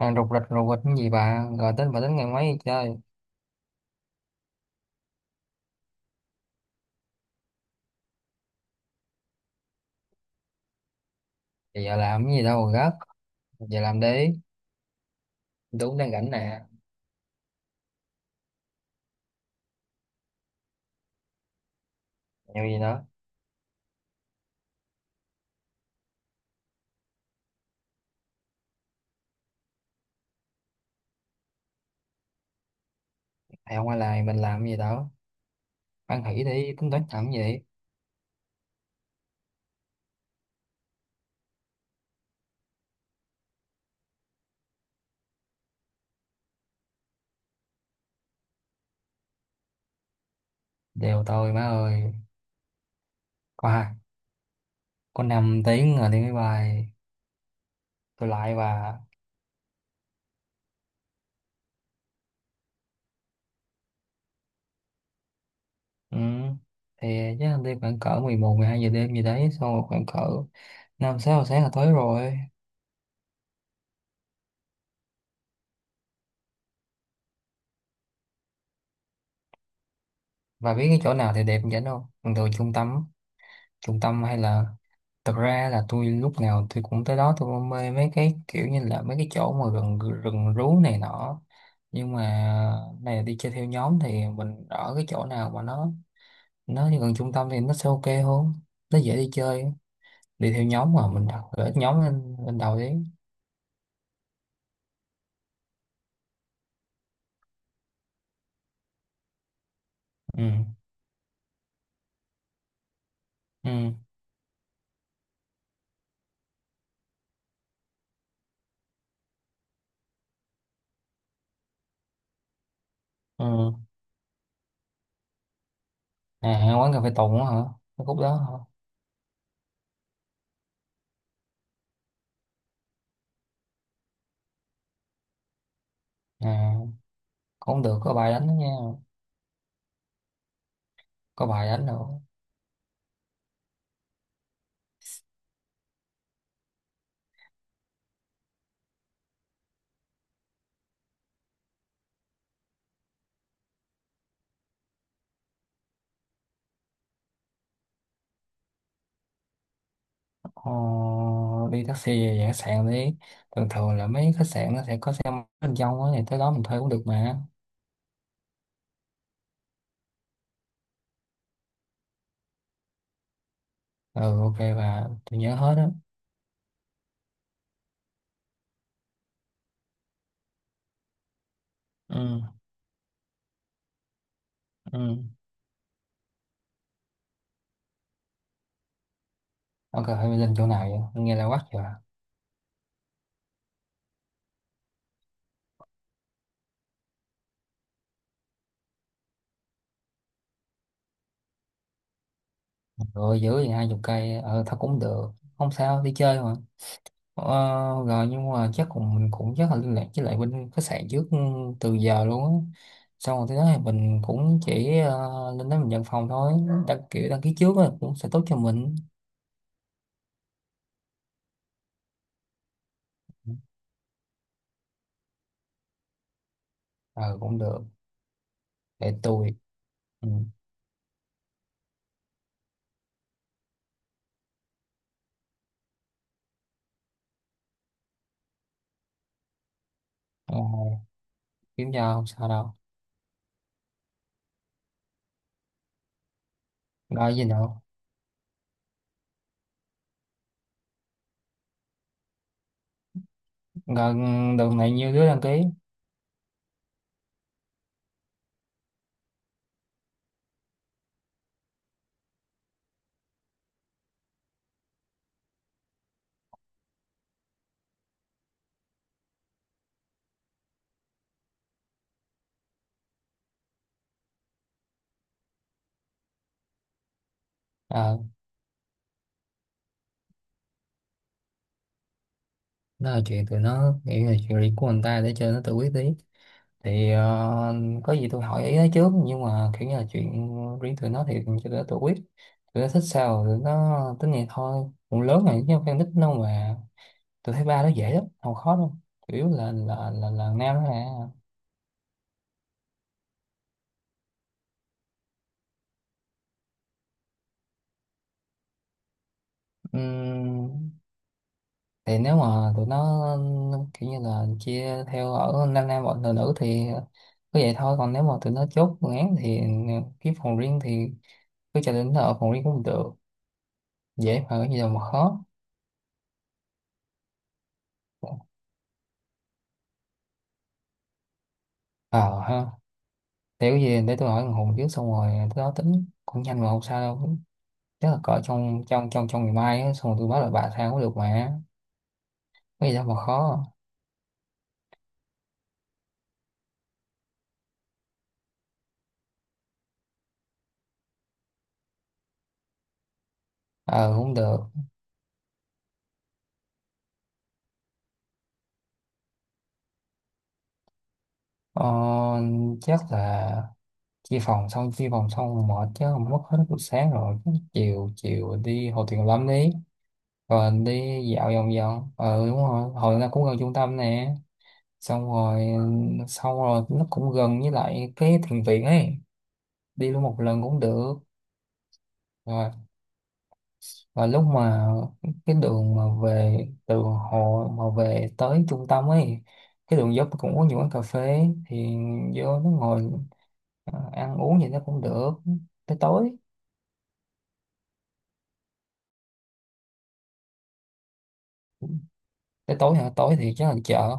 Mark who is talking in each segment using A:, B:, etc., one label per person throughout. A: À, rục rịch cái gì, bà tính ngày mấy đi chơi thì giờ làm cái gì đâu mà gấp? Giờ làm đi. Đúng đang rảnh nè. Nhiều gì nữa? Thầy không ai làm mình làm cái gì đâu. Ăn hỉ đi, tính toán làm cái gì? Đều tôi má ơi. Có hai, có 5 tiếng rồi đi máy bay. Tôi lại và... Ừ. Thì chắc là đi khoảng cỡ 11, 12 giờ đêm gì đấy, xong rồi khoảng cỡ 5 6 giờ sáng là tới rồi. Bà biết cái chỗ nào thì đẹp vậy không? Thường thường trung tâm, hay là... Thật ra là tôi lúc nào tôi cũng tới đó, tôi cũng mê mấy cái kiểu như là mấy cái chỗ mà rừng rừng rú này nọ, nhưng mà này đi chơi theo nhóm thì mình ở cái chỗ nào mà nó gần trung tâm thì nó sẽ ok hơn, nó dễ đi chơi. Đi theo nhóm mà mình đặt gửi nhóm lên lên đầu đi. Ừ. Ừ. Ừ. À, quán cà phê Tùng á hả? Cái khúc đó hả? À, cũng được. Có bài đánh đó nha. Có bài đánh nữa. Ờ, đi taxi về về khách sạn đi. Thường thường là mấy khách sạn nó sẽ có xe máy bên trong á thì tới đó mình thuê cũng được mà. Ừ ok, và tôi nhớ hết á. Ừ. Ừ ok, phải lên chỗ nào, vậy nghe là quắc rồi. Rồi giữ thì 20 cây, ờ thôi cũng được, không sao đi chơi mà. Ờ, rồi nhưng mà chắc cũng mình cũng chắc là liên lạc với lại bên khách sạn trước, ừ, từ giờ luôn á. Xong rồi tới đó thì mình cũng chỉ ờ, lên đó mình nhận phòng thôi. Đăng kiểu đăng ký trước á cũng sẽ tốt cho mình. Ừ cũng được. Để tôi... Ừ. Ờ, kiếm cho, không sao đâu. Gọi gì đâu. Gọi. Đợt này nhiều đứa đăng ký. Ờ, đó là chuyện tụi nó, nghĩ là chuyện riêng của người ta, để cho nó tự quyết tí. Thì ờ, có gì tôi hỏi ý nó trước, nhưng mà kiểu như là chuyện riêng tụi nó thì cho tụi nó tự quyết. Tụi nó thích sao tụi nó tính vậy thôi, cũng lớn rồi chứ không phải nít đâu mà. Tôi thấy ba nó dễ lắm, không khó đâu. Chủ yếu là nam đó. Nè, thì nếu mà tụi nó kiểu như là chia theo ở nam nam bọn nữ nữ thì cứ vậy thôi, còn nếu mà tụi nó chốt phương án thì kiếm phòng riêng thì cứ cho đến ở phòng riêng cũng được. Dễ mà, cái gì đâu mà khó. Ờ ha. Để cái gì, để tôi hỏi thằng Hùng trước, xong rồi tới đó tính cũng nhanh mà, không sao đâu. Chắc là cỡ trong trong trong trong ngày mai á, xong rồi tôi báo lại bà sao cũng được mà. Cái gì đâu mà khó. Ờ cũng được. Ờ, chắc là chia phòng xong rồi mệt chứ không, mất hết buổi sáng rồi. Chứ chiều chiều đi Hồ Tuyền Lâm đi, rồi đi dạo vòng vòng, ừ đúng rồi, hồi nó cũng gần trung tâm nè. xong rồi Xong rồi nó cũng gần với lại cái thiền viện ấy. Đi luôn một lần cũng được. Rồi. Và lúc mà cái đường mà về từ hồ mà về tới trung tâm ấy, cái đường dốc cũng có nhiều quán cà phê thì vô nó ngồi à, ăn uống gì nó cũng được, tới tối. Tới tối hả? Tối thì chắc là chợ.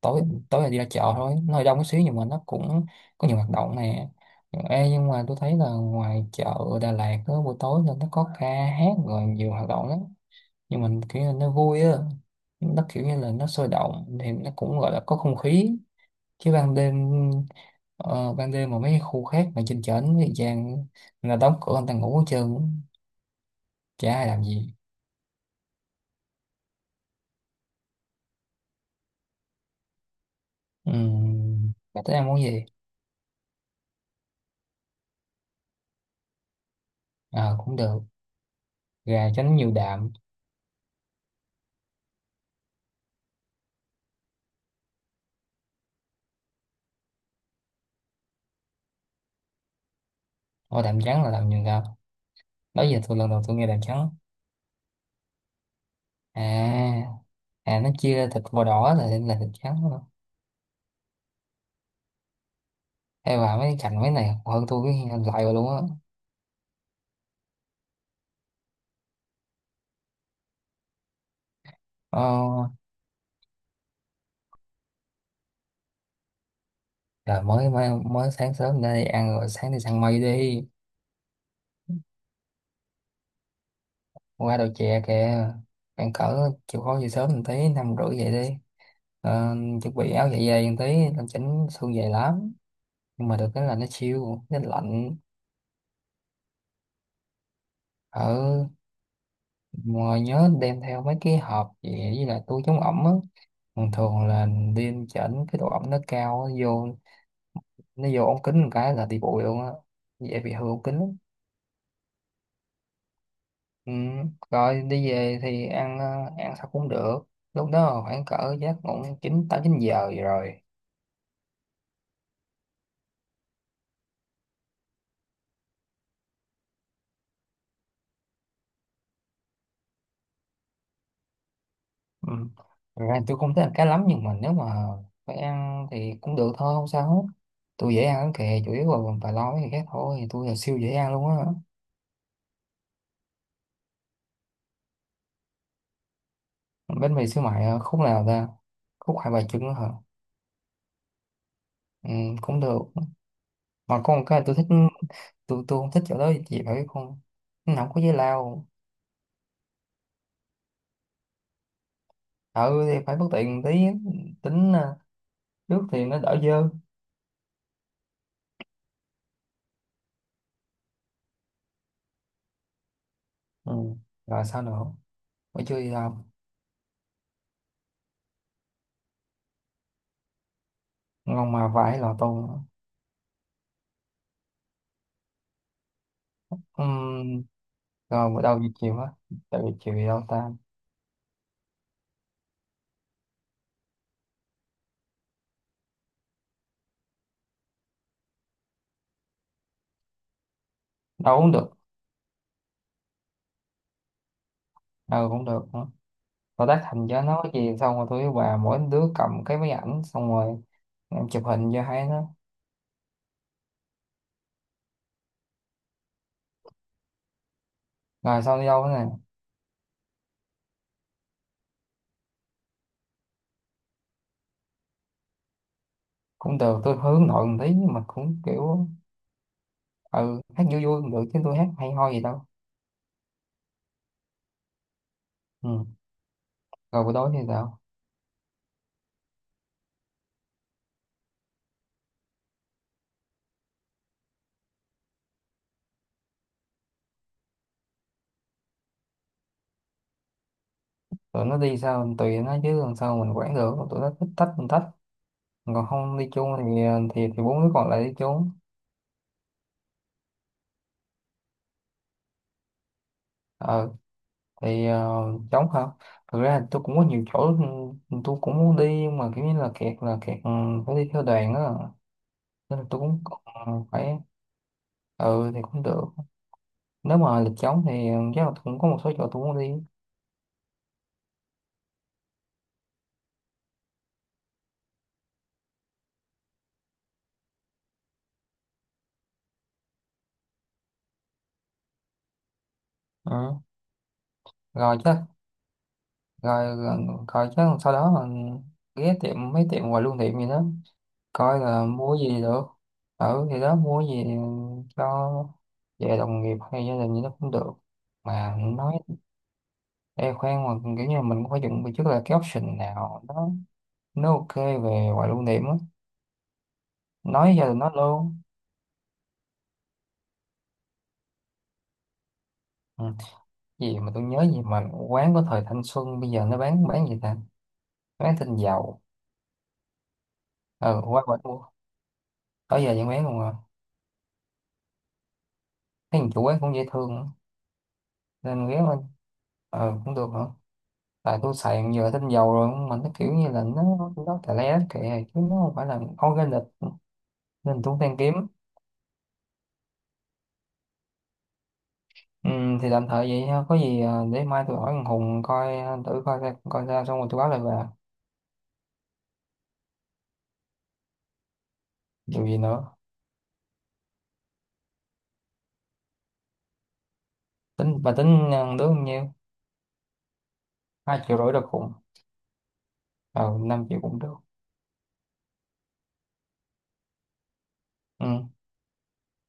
A: Tối Tối là đi ra chợ thôi, nó hơi đông một xíu nhưng mà nó cũng có nhiều hoạt động nè. Ê, nhưng mà tôi thấy là ngoài chợ Đà Lạt đó, buổi tối là nó có ca hát rồi nhiều hoạt động lắm, nhưng mình kiểu là nó vui á, nó kiểu như là nó sôi động thì nó cũng gọi là có không khí, chứ ban đêm, ờ, ban đêm mà mấy khu khác mà trên chợ nó vàng là đóng cửa, người ta ngủ hết trơn, chả ai làm gì. Bà tới ăn món gì? À, cũng được. Gà chấm nhiều đạm. Ô, đạm trắng là làm nhiều đạm? Đó giờ tôi lần đầu tôi nghe đàn trắng. À. À, nó chia ra thịt màu đỏ là thịt trắng luôn. Hay vào mấy cạnh mấy này hơn, tôi cái lại rồi luôn á. Ờ, trời mới, mới sáng sớm ra đi ăn, rồi sáng đi săn mây đi. Qua đầu chè kìa. Bạn cỡ chịu khó về sớm một tí, 5 rưỡi vậy đi. Ờ, chuẩn bị áo dạ dày một tí. Làm chỉnh xương dày lắm, nhưng mà được cái là nó siêu, nó lạnh. Ờ. Ngoài nhớ đem theo mấy cái hộp vậy với lại túi chống ẩm á. Thường thường là đi chỉnh cái độ ẩm nó cao, nó vô, ống kính một cái là đi bụi luôn á, dễ bị hư ống kính lắm. Ừ. Rồi đi về thì ăn, ờ, ăn sao cũng được. Lúc đó khoảng cỡ giấc ngủ chín tám chín giờ vậy rồi. Ừ. Thật ra tôi không thích ăn cá lắm nhưng mà nếu mà phải ăn thì cũng được thôi, không sao hết. Tôi dễ ăn lắm kìa, chủ yếu là bà lo mấy cái khác thôi, tôi là siêu dễ ăn luôn á. Bánh mì xíu mại à, khúc nào ta? Khúc Hai Bà Trưng hả? Ừ, cũng được. Mà có một cái tôi thích, tôi không thích chỗ đó, chị phải biết không? Nó không có giấy lao. Ừ thì phải bất tiện tí. Tính à, nước thì nó đỡ dơ. Ừ. Rồi sao nữa? Buổi trưa thì làm... Ngon mà vải lò tô nữa. Ừm. Rồi bữa đầu giờ chiều á, tại vì chiều thì đâu ta? Đâu cũng được. Đâu cũng được nữa. Rồi tác thành cho nó cái gì, xong rồi tôi với bà mỗi đứa cầm cái máy ảnh xong rồi em chụp hình cho hai nó. Rồi xong đi đâu nữa nè? Cũng được, tôi hướng nội một tí nhưng mà cũng kiểu, ừ hát vui vui cũng được chứ tôi hát hay ho gì đâu. Ừ. Rồi buổi tối thì sao? Tụi nó đi sao tùy nó chứ làm sao mình quản được, tụi nó thích tách mình tách, còn không đi chung thì ờ, thì 4 đứa còn lại đi chung. Ờ. Thì ờ, trống hả? Thực ra tôi cũng có nhiều chỗ, ừ, tôi cũng muốn đi nhưng mà kiểu như là kẹt là kẹt, ừ, phải đi theo đoàn á. Nên là tôi cũng ừ, phải, ừ thì cũng được. Nếu mà lịch trống thì chắc là cũng có một số chỗ tôi muốn đi. Ừ. Rồi chắc. Rồi. Coi chứ sau đó mà ghé tiệm mấy tiệm quà lưu niệm gì đó, coi là mua gì được, ở thì đó mua gì cho về đồng nghiệp hay gia đình gì đó cũng được. Mà nói e khoan mà kiểu như là mình cũng phải chuẩn bị trước là cái option nào đó nó ok về quà lưu niệm á, nói gia đình nó luôn. Ừ. Gì mà tôi nhớ, gì mà quán của thời thanh xuân bây giờ nó bán gì ta? Bán thịt dầu. Ừ qua bển mua. Tới giờ vẫn bán luôn à? Thấy thằng chủ quán cũng dễ thương á. Nên ghé qua. Ờ cũng được hả? Tại tôi xài giờ tinh dầu rồi mà nó kiểu như là nó tè le kệ chứ nó không phải là organic. Nên tôi cũng đang kiếm. Ừ, thì tạm thời vậy ha, có gì à, để mai tôi hỏi thằng Hùng coi, à, thử coi ra xong rồi tôi báo lại về. Điều gì nữa? Tính bà tính à, đứa bao nhiêu? 2,5 triệu được Hùng. Ờ 5 triệu cũng được. Ừ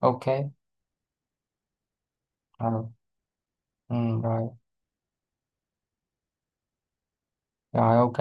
A: ok. Ờ. Ừ, rồi. Rồi ok.